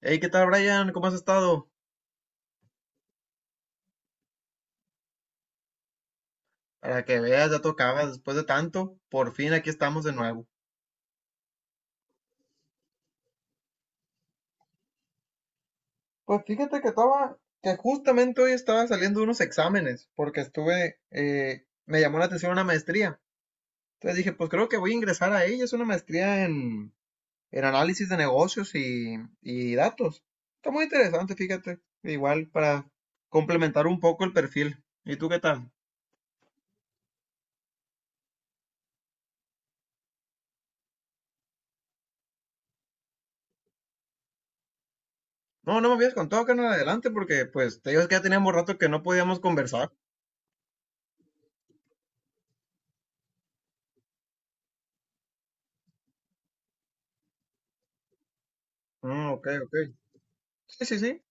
Hey, ¿qué tal, Brian? ¿Cómo has estado? Para que veas, ya tocaba después de tanto. Por fin aquí estamos de nuevo. Pues fíjate que estaba, que justamente hoy estaba saliendo unos exámenes, porque estuve, me llamó la atención una maestría. Entonces dije, pues creo que voy a ingresar a ella. Es una maestría en análisis de negocios y datos. Está muy interesante, fíjate. Igual para complementar un poco el perfil. ¿Y tú qué tal? No, no me habías contado, carnal, adelante, porque pues te digo es que ya teníamos rato que no podíamos conversar. Mm, ok, ok. Sí, sí, sí.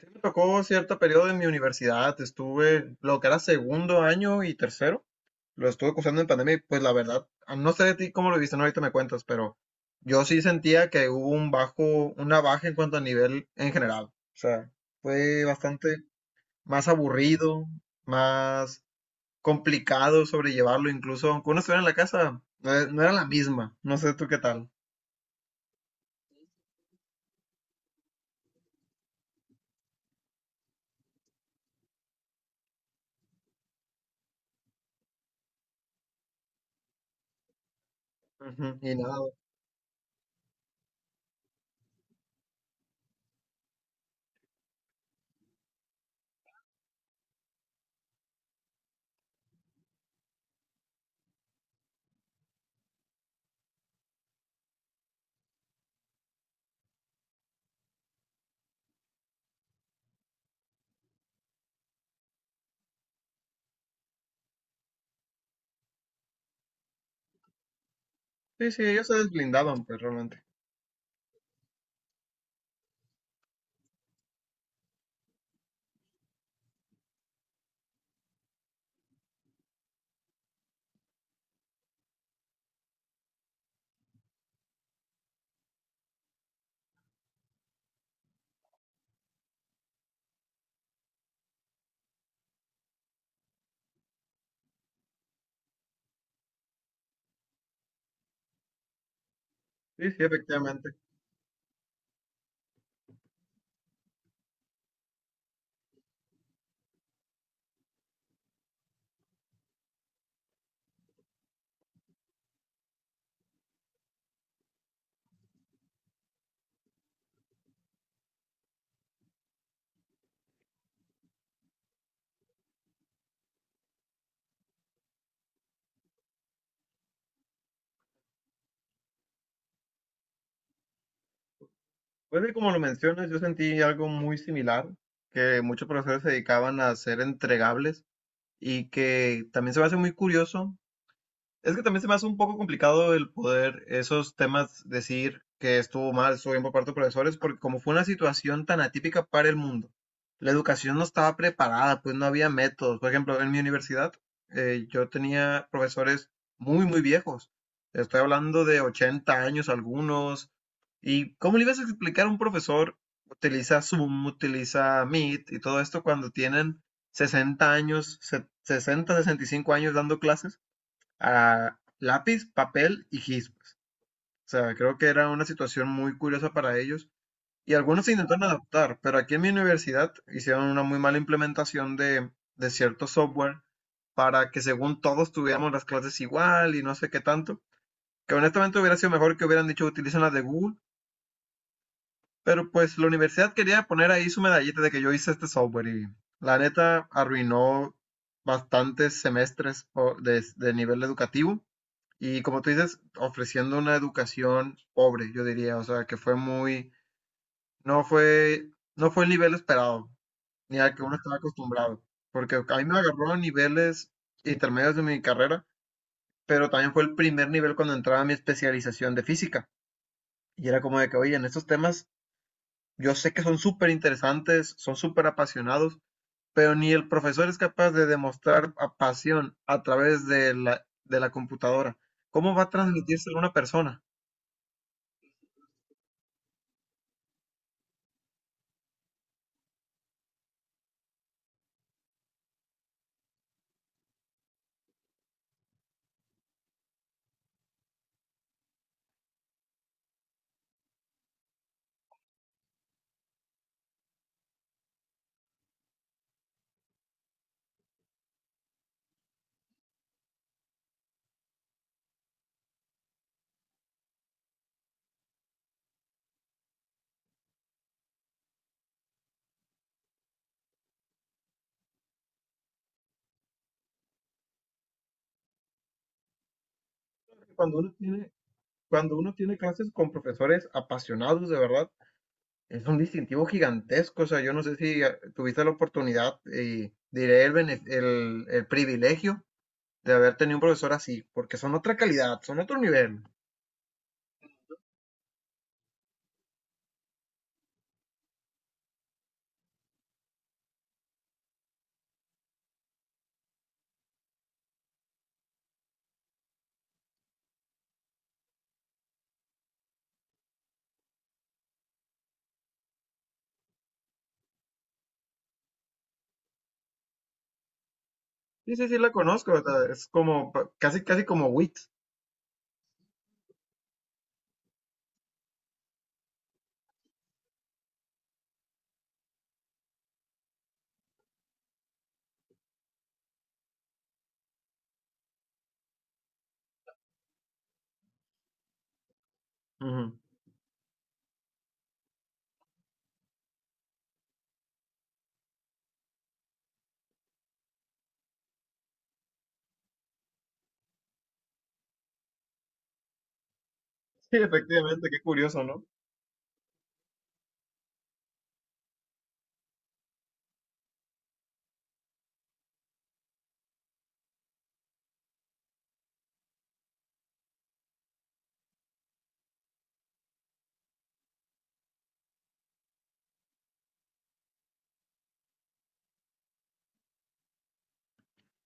Sí, me tocó cierto periodo en mi universidad. Estuve lo que era segundo año y tercero. Lo estuve cursando en pandemia y pues la verdad, ah, no sé de ti cómo lo viste, no ahorita me cuentas, pero yo sí sentía que hubo un bajo, una baja en cuanto a nivel en general. O sea, fue bastante más aburrido, más complicado sobrellevarlo, incluso aunque uno estuviera en la casa, no era la misma. No sé tú qué tal. Ujú. Y nada. Sí, sí, ellos se desblindaban, pues realmente. Sí, sí, efectivamente. Pues sí, como lo mencionas, yo sentí algo muy similar, que muchos profesores se dedicaban a hacer entregables, y que también se me hace muy curioso es que también se me hace un poco complicado el poder esos temas decir que estuvo mal, estuvo bien por parte de profesores, porque como fue una situación tan atípica para el mundo, la educación no estaba preparada, pues no había métodos. Por ejemplo, en mi universidad, yo tenía profesores muy viejos. Estoy hablando de 80 años algunos. ¿Y cómo le ibas a explicar a un profesor? Utiliza Zoom, utiliza Meet y todo esto cuando tienen 60 años, 60, 65 años dando clases a lápiz, papel y gispas. O sea, creo que era una situación muy curiosa para ellos y algunos se intentaron adaptar, pero aquí en mi universidad hicieron una muy mala implementación de cierto software para que según todos tuviéramos las clases igual y no sé qué tanto, que honestamente hubiera sido mejor que hubieran dicho utilicen las de Google, pero pues la universidad quería poner ahí su medallita de que yo hice este software y la neta arruinó bastantes semestres de nivel educativo. Y como tú dices, ofreciendo una educación pobre, yo diría, o sea, que fue muy, no fue, no fue el nivel esperado, ni al que uno estaba acostumbrado, porque a mí me agarró a niveles intermedios de mi carrera, pero también fue el primer nivel cuando entraba a mi especialización de física. Y era como de que, oye, en estos temas yo sé que son súper interesantes, son súper apasionados, pero ni el profesor es capaz de demostrar pasión a través de de la computadora. ¿Cómo va a transmitirse a una persona? Cuando uno tiene Cuando uno tiene clases con profesores apasionados, de verdad, es un distintivo gigantesco. O sea, yo no sé si tuviste la oportunidad y diré el privilegio de haber tenido un profesor así, porque son otra calidad, son otro nivel. Sí, sí, sí, la conozco. O sea, es como casi, casi como WIT. Ujú. Sí, efectivamente, qué curioso, ¿no?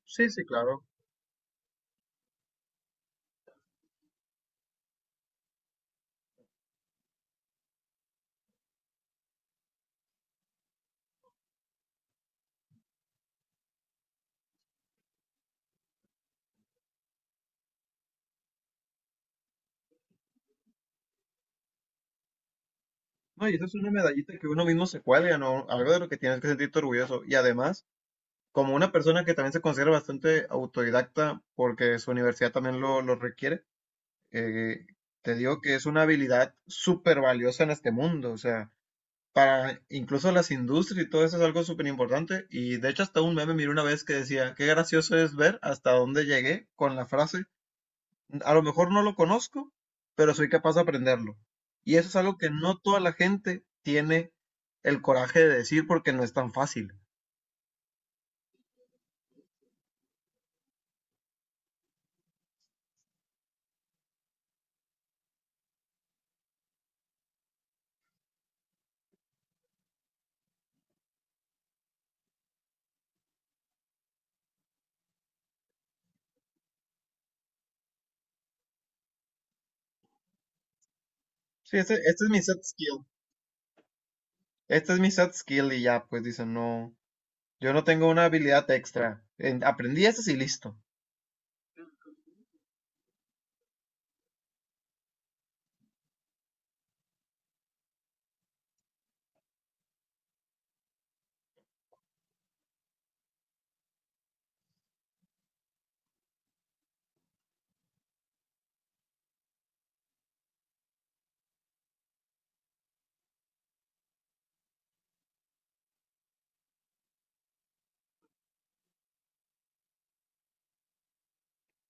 Sí, sí, claro. No, y eso es una medallita que uno mismo se cuelga, ¿no? Algo de lo que tienes que sentirte orgulloso. Y además, como una persona que también se considera bastante autodidacta porque su universidad también lo requiere, eh, te digo que es una habilidad súper valiosa en este mundo, o sea, para incluso las industrias y todo eso es algo súper importante, y de hecho hasta un meme miré una vez que decía, qué gracioso es ver hasta dónde llegué con la frase, a lo mejor no lo conozco, pero soy capaz de aprenderlo. Y eso es algo que no toda la gente tiene el coraje de decir, porque no es tan fácil. Sí, este es mi set skill. Esta es mi set skill y ya, pues dice, no, yo no tengo una habilidad extra. Aprendí estas y listo.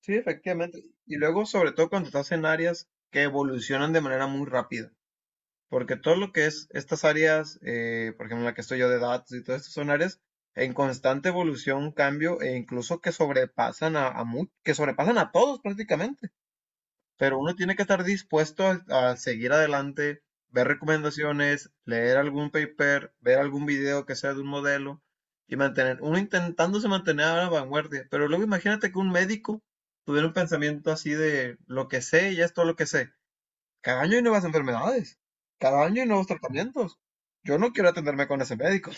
Sí, efectivamente. Y luego, sobre todo cuando estás en áreas que evolucionan de manera muy rápida. Porque todo lo que es estas áreas, por ejemplo, la que estoy yo de datos y todo esto, son áreas en constante evolución, cambio, e incluso que sobrepasan que sobrepasan a todos prácticamente. Pero uno tiene que estar dispuesto a seguir adelante, ver recomendaciones, leer algún paper, ver algún video que sea de un modelo y mantener, uno intentándose mantener a la vanguardia. Pero luego imagínate que un médico tuviera un pensamiento así de lo que sé, ya es todo lo que sé. Cada año hay nuevas enfermedades, cada año hay nuevos tratamientos. Yo no quiero atenderme con ese médico.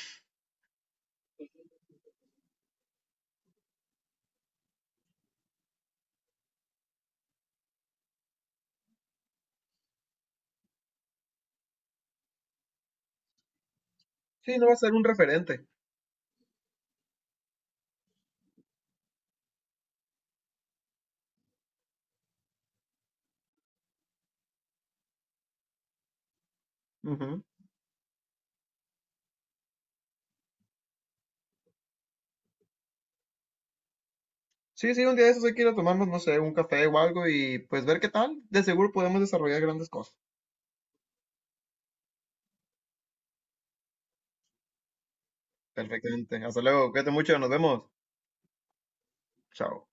Sí, no va a ser un referente. Ujú. Sí, sí, un día de esos hay que ir a tomarnos, no sé, un café o algo y pues ver qué tal. De seguro podemos desarrollar grandes cosas. Perfectamente. Hasta luego. Cuídate mucho. Nos vemos. Chao.